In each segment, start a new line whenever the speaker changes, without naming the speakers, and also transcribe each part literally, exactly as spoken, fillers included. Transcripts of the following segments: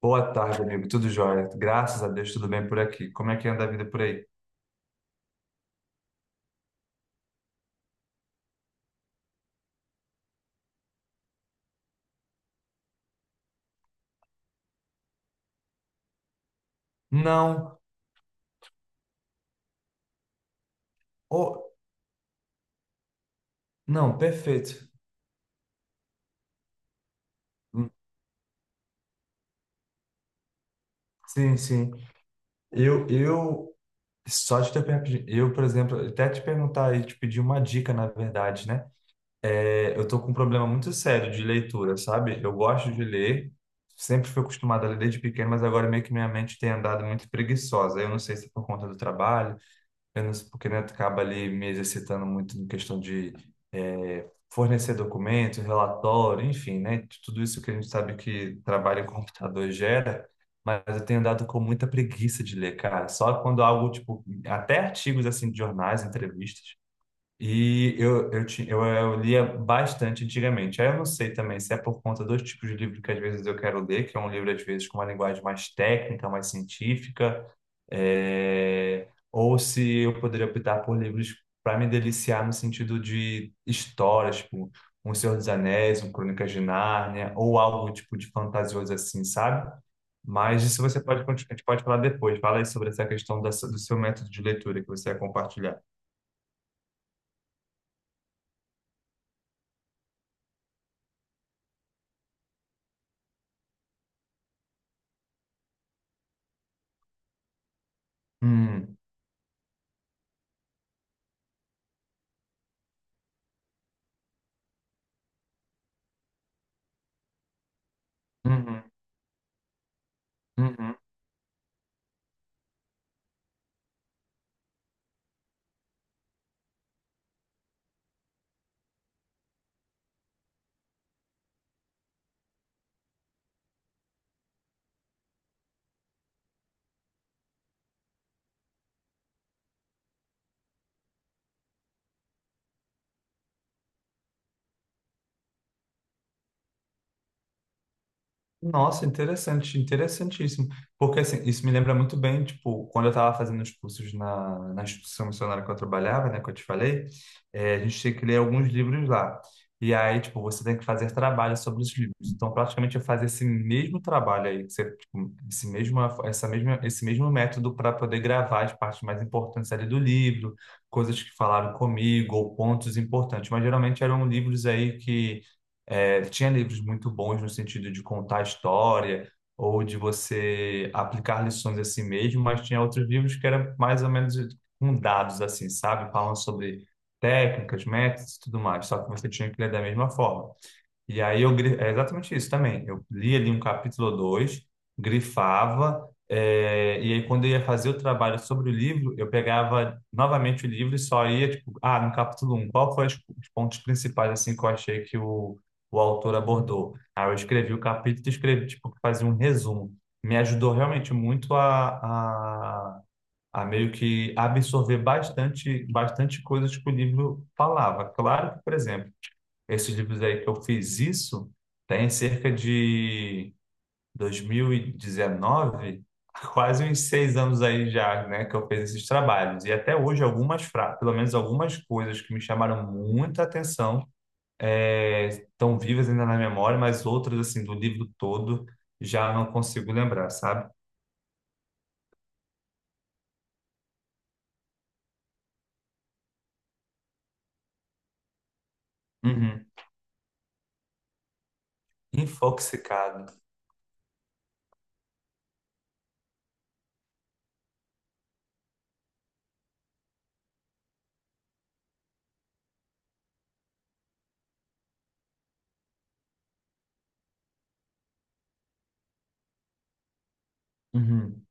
Boa tarde, amigo. Tudo jóia? Graças a Deus, tudo bem por aqui. Como é que anda a vida por aí? Não. Oh, não, perfeito. Hum, Sim, sim. Eu, eu, só de ter, perguntar, eu, por exemplo, até te perguntar e te pedir uma dica, na verdade, né? É, eu tô com um problema muito sério de leitura, sabe? Eu gosto de ler, sempre fui acostumado a ler desde pequeno, mas agora meio que minha mente tem andado muito preguiçosa. Eu não sei se é por conta do trabalho, apenas porque né, tu acaba ali me exercitando muito em questão de eh, fornecer documentos, relatório, enfim, né? Tudo isso que a gente sabe que trabalho em computador gera, mas eu tenho dado com muita preguiça de ler, cara. Só quando algo, tipo, até artigos assim de jornais, entrevistas, e eu, eu, ti- eu, eu lia bastante antigamente. Aí eu não sei também se é por conta dos tipos de livro que às vezes eu quero ler, que é um livro às vezes com uma linguagem mais técnica, mais científica, é, ou se eu poderia optar por livros para me deliciar no sentido de histórias, tipo Um Senhor dos Anéis, um Crônicas de Nárnia, ou algo tipo de fantasioso assim, sabe? Mas isso você pode, continuar- a gente pode falar depois. Fala aí sobre essa questão da, do seu método de leitura que você vai compartilhar. Hum, uhum. Uhum. Nossa, interessante, interessantíssimo. Porque assim, isso me lembra muito bem, tipo, quando eu estava fazendo os cursos na, na instituição missionária que eu trabalhava, né, que eu te falei, eh, a gente tinha que ler alguns livros lá. E aí, tipo, você tem que fazer trabalho sobre os livros. Então, praticamente eu fazia esse mesmo trabalho aí, que você, tipo, esse mesmo, essa mesma, esse mesmo método para poder gravar as partes mais importantes ali do livro, coisas que falaram comigo ou pontos importantes. Mas geralmente eram livros aí que é, tinha livros muito bons no sentido de contar a história ou de você aplicar lições a si mesmo, mas tinha outros livros que eram mais ou menos com dados, assim, sabe? Falando sobre técnicas, métodos e tudo mais, só que você tinha que ler da mesma forma. E aí eu gri- é exatamente isso também. Eu li ali um capítulo ou dois, grifava, eh, e aí quando eu ia fazer o trabalho sobre o livro, eu pegava novamente o livro e só ia, tipo, ah, no capítulo um qual foi os os pontos principais assim que eu achei que o, o autor abordou? Aí eu escrevi o capítulo e escrevi, tipo, fazia um resumo. Me ajudou realmente muito a, a, a meio que absorver bastante, bastante coisas que o livro falava. Claro que, por exemplo, esses livros aí que eu fiz isso tem cerca de dois mil e dezenove, quase uns seis anos aí já, né, que eu fiz esses trabalhos. E até hoje algumas frases, pelo menos algumas coisas que me chamaram muita atenção, é, estão vivas ainda na memória, mas outras, assim, do livro todo já não consigo lembrar, sabe? Uhum. Infoxicado. Uhum.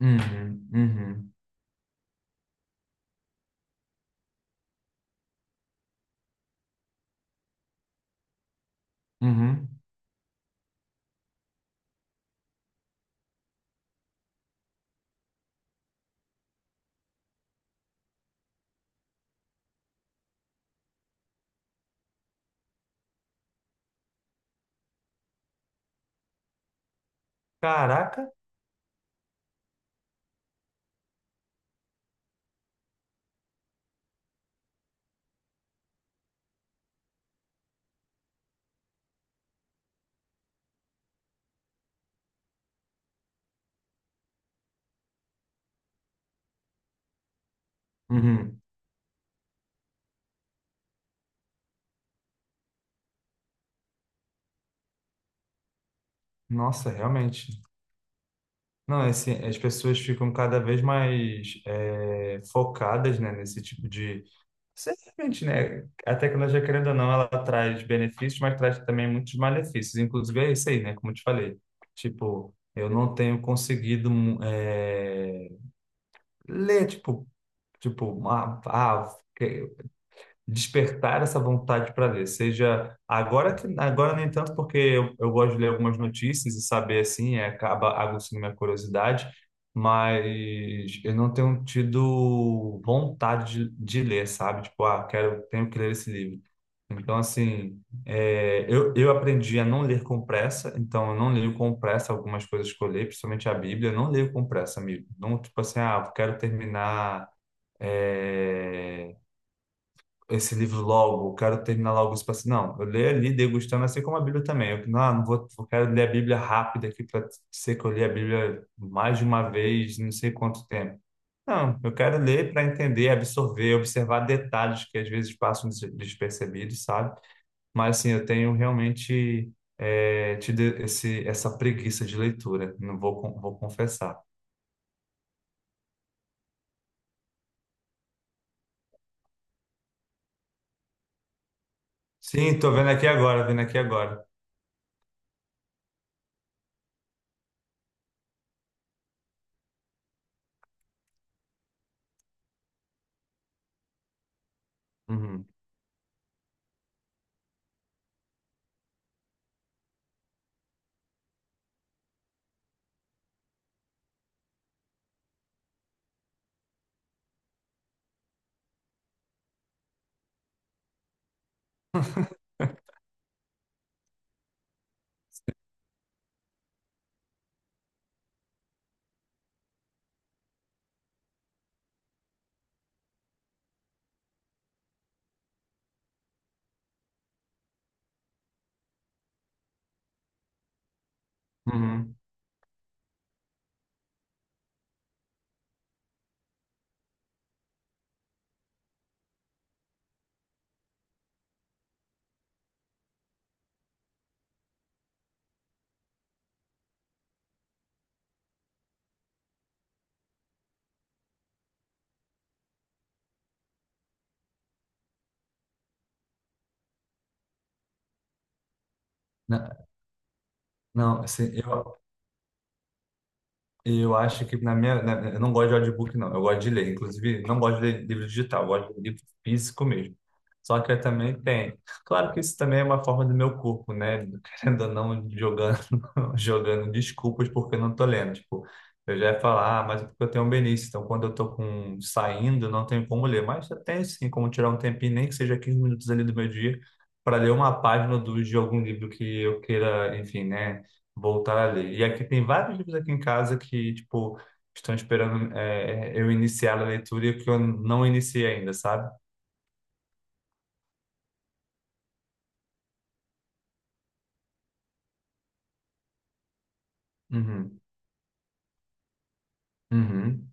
Uhum. Uhum. Uhum. Caraca. Uhum. Nossa, realmente. Não, é assim, as pessoas ficam cada vez mais é, focadas, né, nesse tipo de... Certamente, né, a tecnologia, querendo ou não, ela traz benefícios, mas traz também muitos malefícios. Inclusive é isso aí, né, como eu te falei. Tipo, eu não tenho conseguido hum, é, ler, tipo, tipo, ah, ah, despertar essa vontade para ler. Seja agora que agora nem tanto porque eu, eu gosto de ler algumas notícias e saber assim, é, acaba aguçando minha curiosidade, mas eu não tenho tido vontade de, de ler, sabe? Tipo, ah, quero, tenho que ler esse livro. Então, assim, é, eu, eu aprendi a não ler com pressa, então eu não leio com pressa algumas coisas que eu leio, principalmente a Bíblia, eu não leio com pressa, amigo. Não, tipo assim, ah, eu quero terminar é, esse livro logo, eu quero terminar logo isso para assim, não, eu leio ali degustando, assim como a Bíblia também. Eu não, não vou, eu quero ler a Bíblia rápida aqui para ser que eu li a Bíblia mais de uma vez, não sei quanto tempo. Não, eu quero ler para entender, absorver, observar detalhes que às vezes passam des- despercebidos, sabe? Mas assim, eu tenho realmente é, tido esse, essa preguiça de leitura, não vou, con- vou confessar. Sim, tô vendo aqui agora, vendo aqui agora. Uhum, uhum. Na- Não, assim, eu, Eu acho que na minha. na- eu não gosto de audiobook, não. Eu gosto de ler. Inclusive, não gosto de ler livro digital, eu gosto de livro físico mesmo. Só que eu também tenho. Claro que isso também é uma forma do meu corpo, né? Querendo ou não, jogando, jogando desculpas porque eu não tô lendo. Tipo, eu já ia falar, ah, mas é porque eu tenho um benício. Então, quando eu tô com, saindo, não tenho como ler. Mas eu tenho sim como tirar um tempinho, nem que seja quinze minutos ali do meu dia, para ler uma página do, de algum livro que eu queira, enfim, né? Voltar a ler. E aqui tem vários livros aqui em casa que, tipo, estão esperando é, eu iniciar a leitura e que eu não iniciei ainda, sabe? Uhum. Uhum.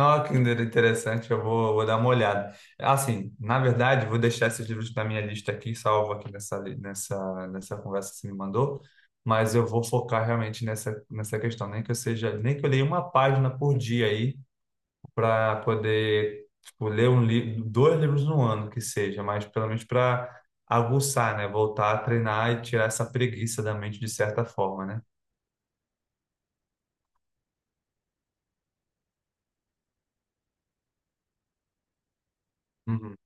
Ah, que interessante, eu vou, vou dar uma olhada. Assim, na verdade, vou deixar esses livros na minha lista aqui, salvo aqui nessa, li- nessa, nessa conversa que você me mandou, mas eu vou focar realmente nessa, nessa questão, nem que eu seja, nem que eu leia uma página por dia aí, para poder, tipo, ler um livro, dois livros no ano que seja, mas pelo menos para aguçar, né? Voltar a treinar e tirar essa preguiça da mente de certa forma, né? Uhum,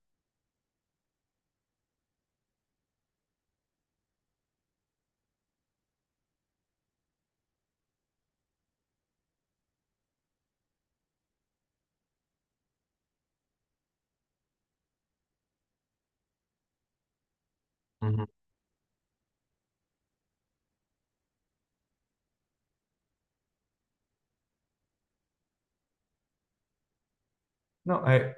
uhum. Não, é,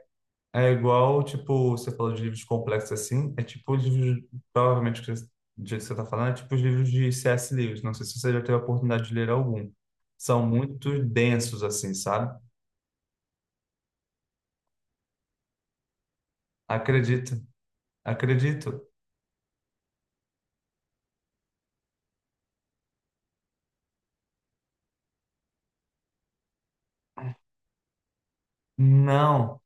é igual, tipo, você falou de livros complexos assim, é tipo os livros, provavelmente, que você- Do jeito que você está falando, é tipo os livros de C S. Lewis. Não sei se você já teve a oportunidade de ler algum. São muito densos, assim, sabe? Acredito, acredito. Não,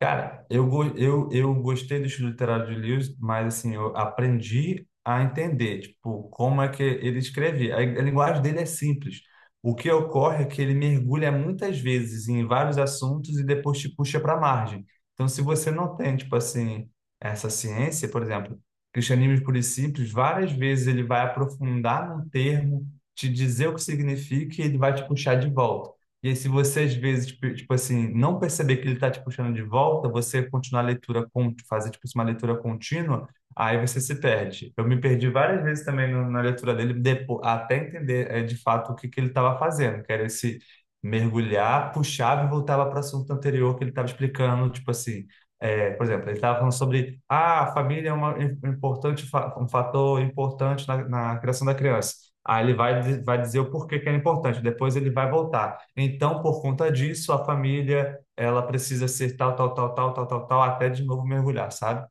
cara, eu, go- eu, eu gostei do estilo literário de Lewis, mas assim, eu aprendi a entender, tipo, como é que ele escrevia. A, a linguagem dele é simples. O que ocorre é que ele mergulha muitas vezes em vários assuntos e depois te puxa para a margem. Então, se você não tem, tipo assim, essa ciência, por exemplo, Cristianismo Puro e Simples, várias vezes ele vai aprofundar num termo, te dizer o que significa e ele vai te puxar de volta. E aí, se você às vezes, tipo tipo assim, não perceber que ele está te puxando de volta, você continuar a leitura, con- fazer tipo assim, uma leitura contínua, aí você se perde. Eu me perdi várias vezes também no- na leitura dele, depois, até entender eh, de fato o que, que ele estava fazendo, que era esse mergulhar, puxava e voltava para o assunto anterior que ele estava explicando, tipo assim. Eh, por exemplo, ele estava falando sobre ah, a família é uma, im- importante, fa- um fator importante na, na criação da criança. Aí ele vai, di- vai dizer o porquê que é importante, depois ele vai voltar. Então, por conta disso, a família, ela precisa ser tal, tal, tal, tal, tal, tal, tal, até de novo mergulhar, sabe?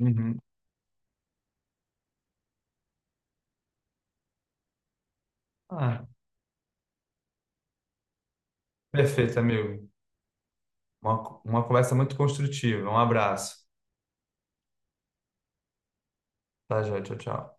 Uhum. Ah, perfeito, amigo. Uma, uma conversa muito construtiva. Um abraço. Tá, já, tchau, tchau.